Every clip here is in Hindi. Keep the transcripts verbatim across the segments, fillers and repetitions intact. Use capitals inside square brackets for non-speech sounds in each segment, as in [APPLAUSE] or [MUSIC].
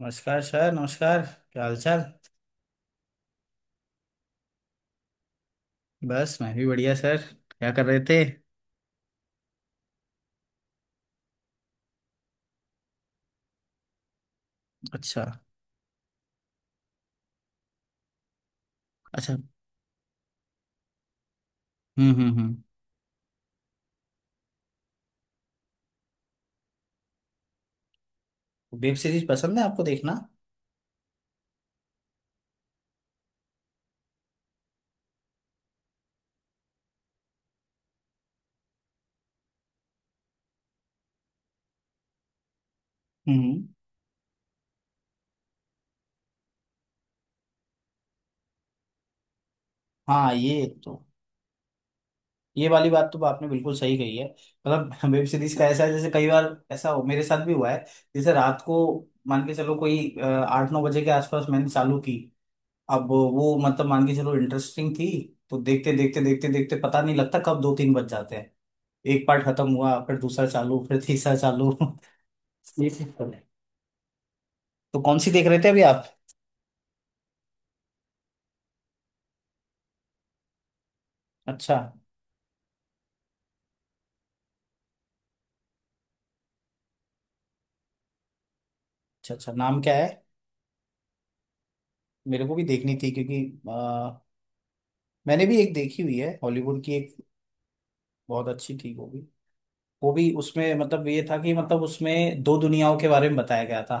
नमस्कार सर, नमस्कार। क्या हाल चाल। बस मैं भी बढ़िया सर। क्या कर रहे थे? अच्छा। अच्छा। हम्म, हम्म, हम्म। वेब सीरीज पसंद है आपको देखना? हम्म। हाँ, ये तो ये वाली बात तो आपने बिल्कुल सही कही है मतलब [LAUGHS] वेब सीरीज का ऐसा है, जैसे कई बार ऐसा हो, मेरे साथ भी हुआ है। जैसे रात को मान के चलो कोई अ, आठ नौ बजे के आसपास मैंने चालू की। अब वो मतलब मान के चलो इंटरेस्टिंग थी, तो देखते देखते देखते देखते पता नहीं लगता कब दो तीन बज जाते हैं। एक पार्ट खत्म हुआ फिर दूसरा चालू फिर तीसरा चालू। ये चीज़ तो है। [LAUGHS] तो कौन सी देख रहे थे अभी आप? अच्छा। अच्छा। अच्छा, नाम क्या है? मेरे को भी देखनी थी, क्योंकि अ, मैंने भी एक देखी हुई है हॉलीवुड की एक। बहुत अच्छी थी वो भी वो भी उसमें मतलब ये था कि मतलब उसमें दो दुनियाओं के बारे में बताया गया था।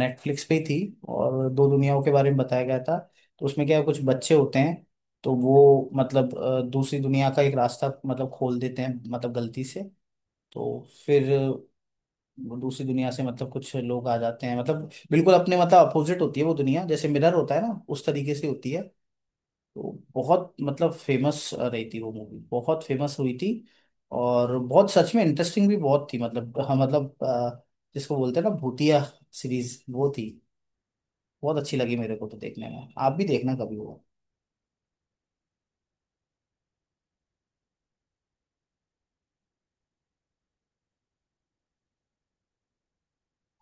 नेटफ्लिक्स पे ही थी। और दो दुनियाओं के बारे में बताया गया था। तो उसमें क्या है, कुछ बच्चे होते हैं। तो वो मतलब अ, दूसरी दुनिया का एक रास्ता मतलब खोल देते हैं मतलब गलती से। तो फिर दूसरी दुनिया से मतलब कुछ लोग आ जाते हैं, मतलब बिल्कुल अपने मतलब अपोजिट होती है वो दुनिया, जैसे मिरर होता है ना उस तरीके से होती है। तो बहुत मतलब फेमस रही थी वो मूवी, बहुत फेमस हुई थी। और बहुत सच में इंटरेस्टिंग भी बहुत थी, मतलब हाँ मतलब अ, जिसको बोलते हैं ना भूतिया सीरीज, वो थी। बहुत अच्छी लगी मेरे को तो देखने में, आप भी देखना कभी वो।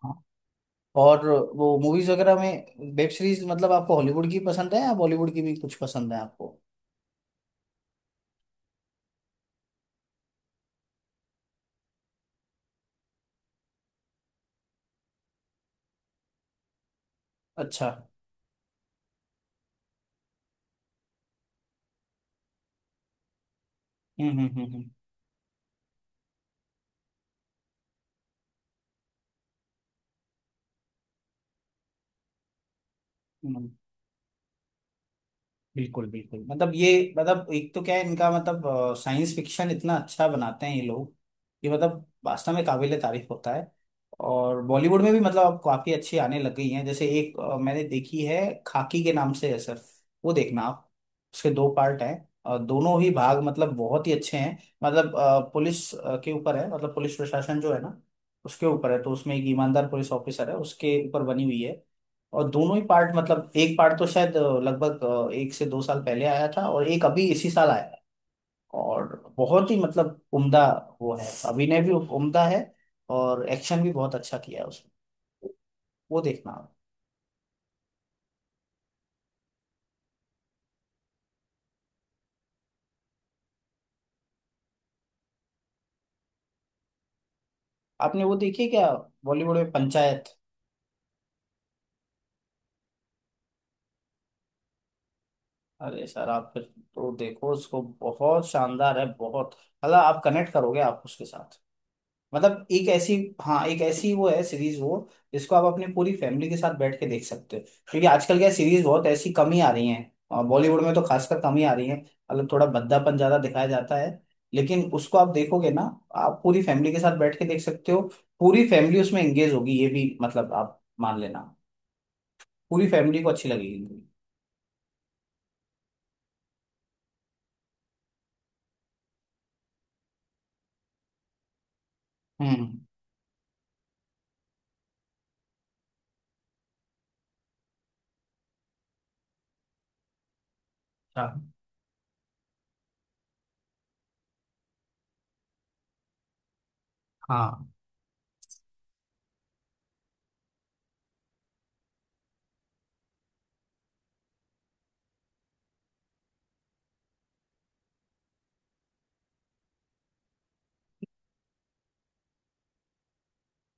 हाँ। और वो मूवीज वगैरह में वेब सीरीज मतलब आपको हॉलीवुड की पसंद है या बॉलीवुड की भी कुछ पसंद है आपको? अच्छा। हम्म, हम्म, हम्म। हम्म। बिल्कुल बिल्कुल, मतलब ये मतलब एक तो क्या है इनका, मतलब साइंस फिक्शन इतना अच्छा बनाते हैं ये लोग कि मतलब वास्तव में काबिले तारीफ होता है। और बॉलीवुड में भी मतलब अब काफी अच्छी आने लग गई हैं। जैसे एक अ, मैंने देखी है, खाकी के नाम से है सर। वो देखना आप। उसके दो पार्ट हैं और दोनों ही भाग मतलब बहुत ही अच्छे हैं। मतलब अ, पुलिस अ, के ऊपर है, मतलब पुलिस प्रशासन जो है ना उसके ऊपर है, तो उसमें एक ईमानदार पुलिस ऑफिसर है उसके ऊपर बनी हुई है। और दोनों ही पार्ट, मतलब एक पार्ट तो शायद अ, लगभग अ, एक से दो साल पहले आया था और एक अभी इसी साल आया है। और बहुत ही मतलब उम्दा वो है। अभिनय भी उम्दा है और एक्शन भी बहुत अच्छा किया है उसमें। वो देखना आप। आपने वो देखी है क्या, बॉलीवुड में पंचायत? अरे सर आप फिर तो देखो उसको, बहुत शानदार है, बहुत। हालांकि आप कनेक्ट करोगे आप उसके साथ। मतलब एक ऐसी, हाँ, एक ऐसी वो है सीरीज, वो जिसको आप अपनी पूरी फैमिली के साथ बैठ के देख सकते हो। क्योंकि आजकल क्या, सीरीज बहुत ऐसी कम ही आ रही हैं और बॉलीवुड में तो खासकर कम ही आ रही हैं। मतलब थोड़ा भद्दापन ज्यादा दिखाया जाता है। लेकिन उसको आप देखोगे ना, आप पूरी फैमिली के साथ बैठ के देख सकते हो। पूरी फैमिली उसमें एंगेज होगी ये भी, मतलब आप मान लेना, पूरी फैमिली को अच्छी लगेगी। हम्म। अच्छा। हाँ।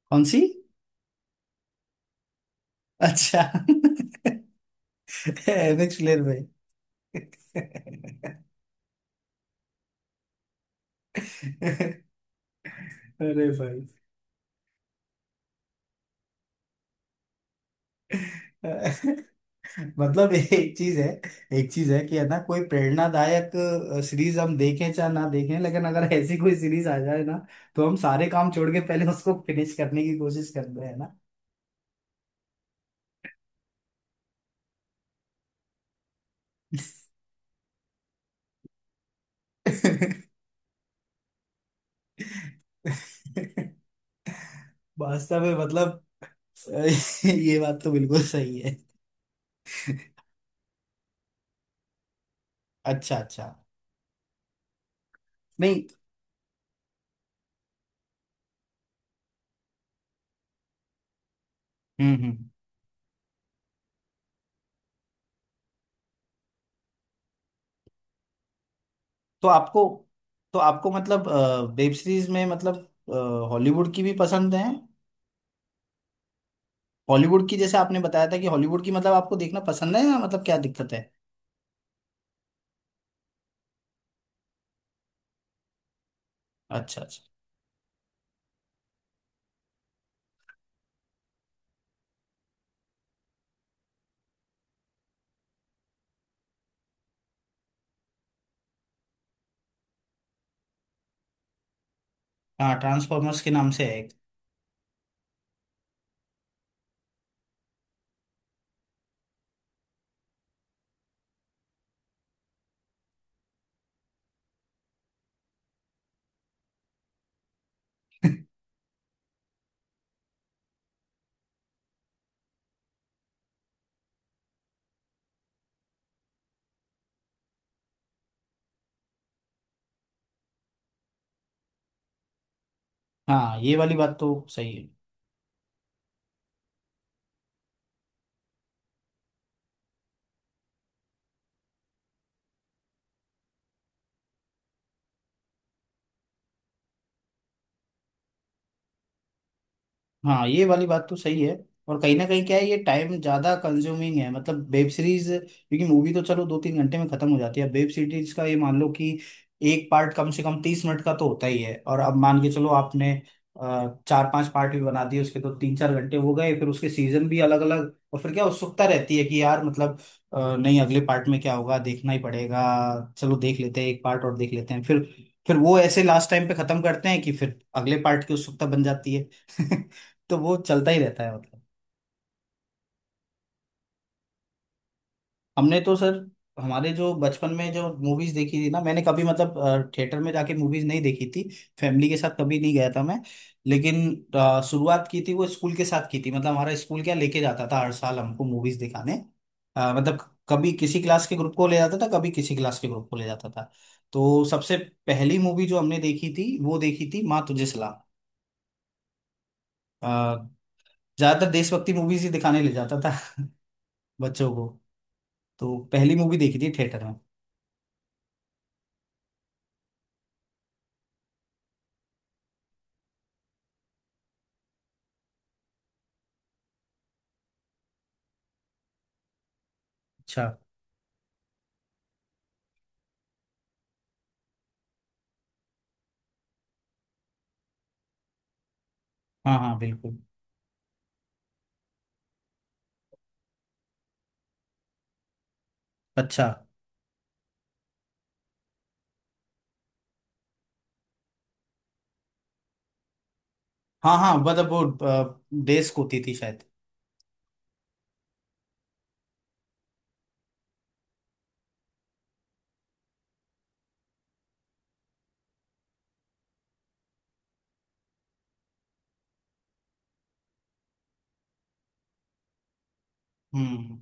कौन सी? अच्छा। [LAUGHS] एमएक्स प्लेयर भाई। [LAUGHS] अरे भाई। मतलब एक चीज है, एक चीज है कि है ना, कोई प्रेरणादायक सीरीज हम देखें चाहे ना देखें, लेकिन अगर ऐसी कोई सीरीज आ जाए ना, तो हम सारे काम छोड़ के पहले उसको फिनिश करने की कोशिश करते हैं ना। [LAUGHS] वास्तव में मतलब [LAUGHS] ये बात तो बिल्कुल सही है। अच्छा। अच्छा। नहीं। हम्म, हम्म। तो आपको तो आपको मतलब, वेब सीरीज में मतलब हॉलीवुड की भी पसंद है? हॉलीवुड की, जैसे आपने बताया था कि हॉलीवुड की मतलब आपको देखना पसंद है, या मतलब क्या दिक्कत है? अच्छा। अच्छा। हाँ, ट्रांसफॉर्मर्स के नाम से है एक। हाँ, ये वाली बात तो सही है। हाँ, ये वाली बात तो सही है। और कहीं ना कहीं क्या है, ये टाइम ज्यादा कंज्यूमिंग है, मतलब वेब सीरीज, क्योंकि मूवी तो चलो दो तीन घंटे में खत्म हो जाती है, वेब सीरीज का ये मान लो कि एक पार्ट कम से कम तीस मिनट का तो होता ही है। और अब मान के चलो आपने अ, चार पांच पार्ट भी बना दिए उसके, तो तीन चार घंटे हो गए। फिर उसके सीजन भी अलग अलग, और फिर क्या उत्सुकता रहती है कि यार मतलब अ, नहीं अगले पार्ट में क्या होगा, देखना ही पड़ेगा। चलो देख लेते हैं, एक पार्ट और देख लेते हैं फिर। फिर वो ऐसे लास्ट टाइम पे खत्म करते हैं कि फिर अगले पार्ट की उत्सुकता बन जाती है। [LAUGHS] तो वो चलता ही रहता है मतलब। हमने तो सर, हमारे जो बचपन में जो मूवीज देखी थी ना, मैंने कभी मतलब थिएटर में जाके मूवीज नहीं देखी थी, फैमिली के साथ कभी नहीं गया था मैं। लेकिन अ, शुरुआत की थी वो स्कूल के साथ की थी, मतलब हमारा स्कूल क्या लेके जाता था हर साल हमको मूवीज दिखाने। अ, मतलब कभी किसी क्लास के ग्रुप को ले जाता था, कभी किसी क्लास के ग्रुप को ले जाता था। तो सबसे पहली मूवी जो हमने देखी थी वो देखी थी माँ तुझे सलाम। अ, ज्यादातर देशभक्ति मूवीज ही दिखाने ले जाता था। [LAUGHS] बच्चों को। तो पहली मूवी देखी थी थिएटर में। अच्छा। हाँ हाँ, बिल्कुल। अच्छा। हाँ हाँ, मतलब वो अ, देश होती थी शायद। हम्म।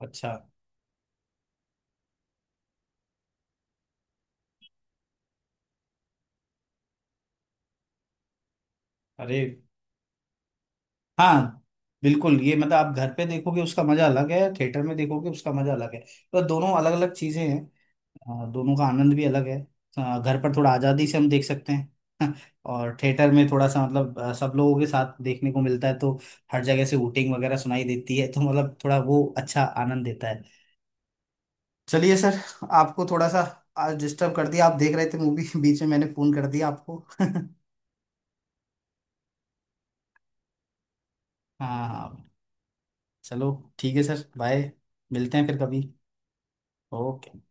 [LAUGHS] अच्छा। अरे हाँ, बिल्कुल, ये मतलब आप घर पे देखोगे उसका मजा अलग है, थिएटर में देखोगे उसका मजा अलग है। तो दोनों अलग अलग चीजें हैं। अ, दोनों का आनंद भी अलग है। अ, घर पर थोड़ा आजादी से हम देख सकते हैं। [LAUGHS] और थिएटर में थोड़ा सा मतलब अ, सब लोगों के साथ देखने को मिलता है। तो हर जगह से हूटिंग वगैरह सुनाई देती है, तो मतलब थोड़ा वो अच्छा आनंद देता है। चलिए सर, आपको थोड़ा सा आज डिस्टर्ब कर दिया, आप देख रहे थे मूवी [LAUGHS] बीच में मैंने फोन कर दिया आपको। [LAUGHS] हाँ हाँ। चलो, ठीक है सर, बाय। मिलते हैं फिर कभी। ओके।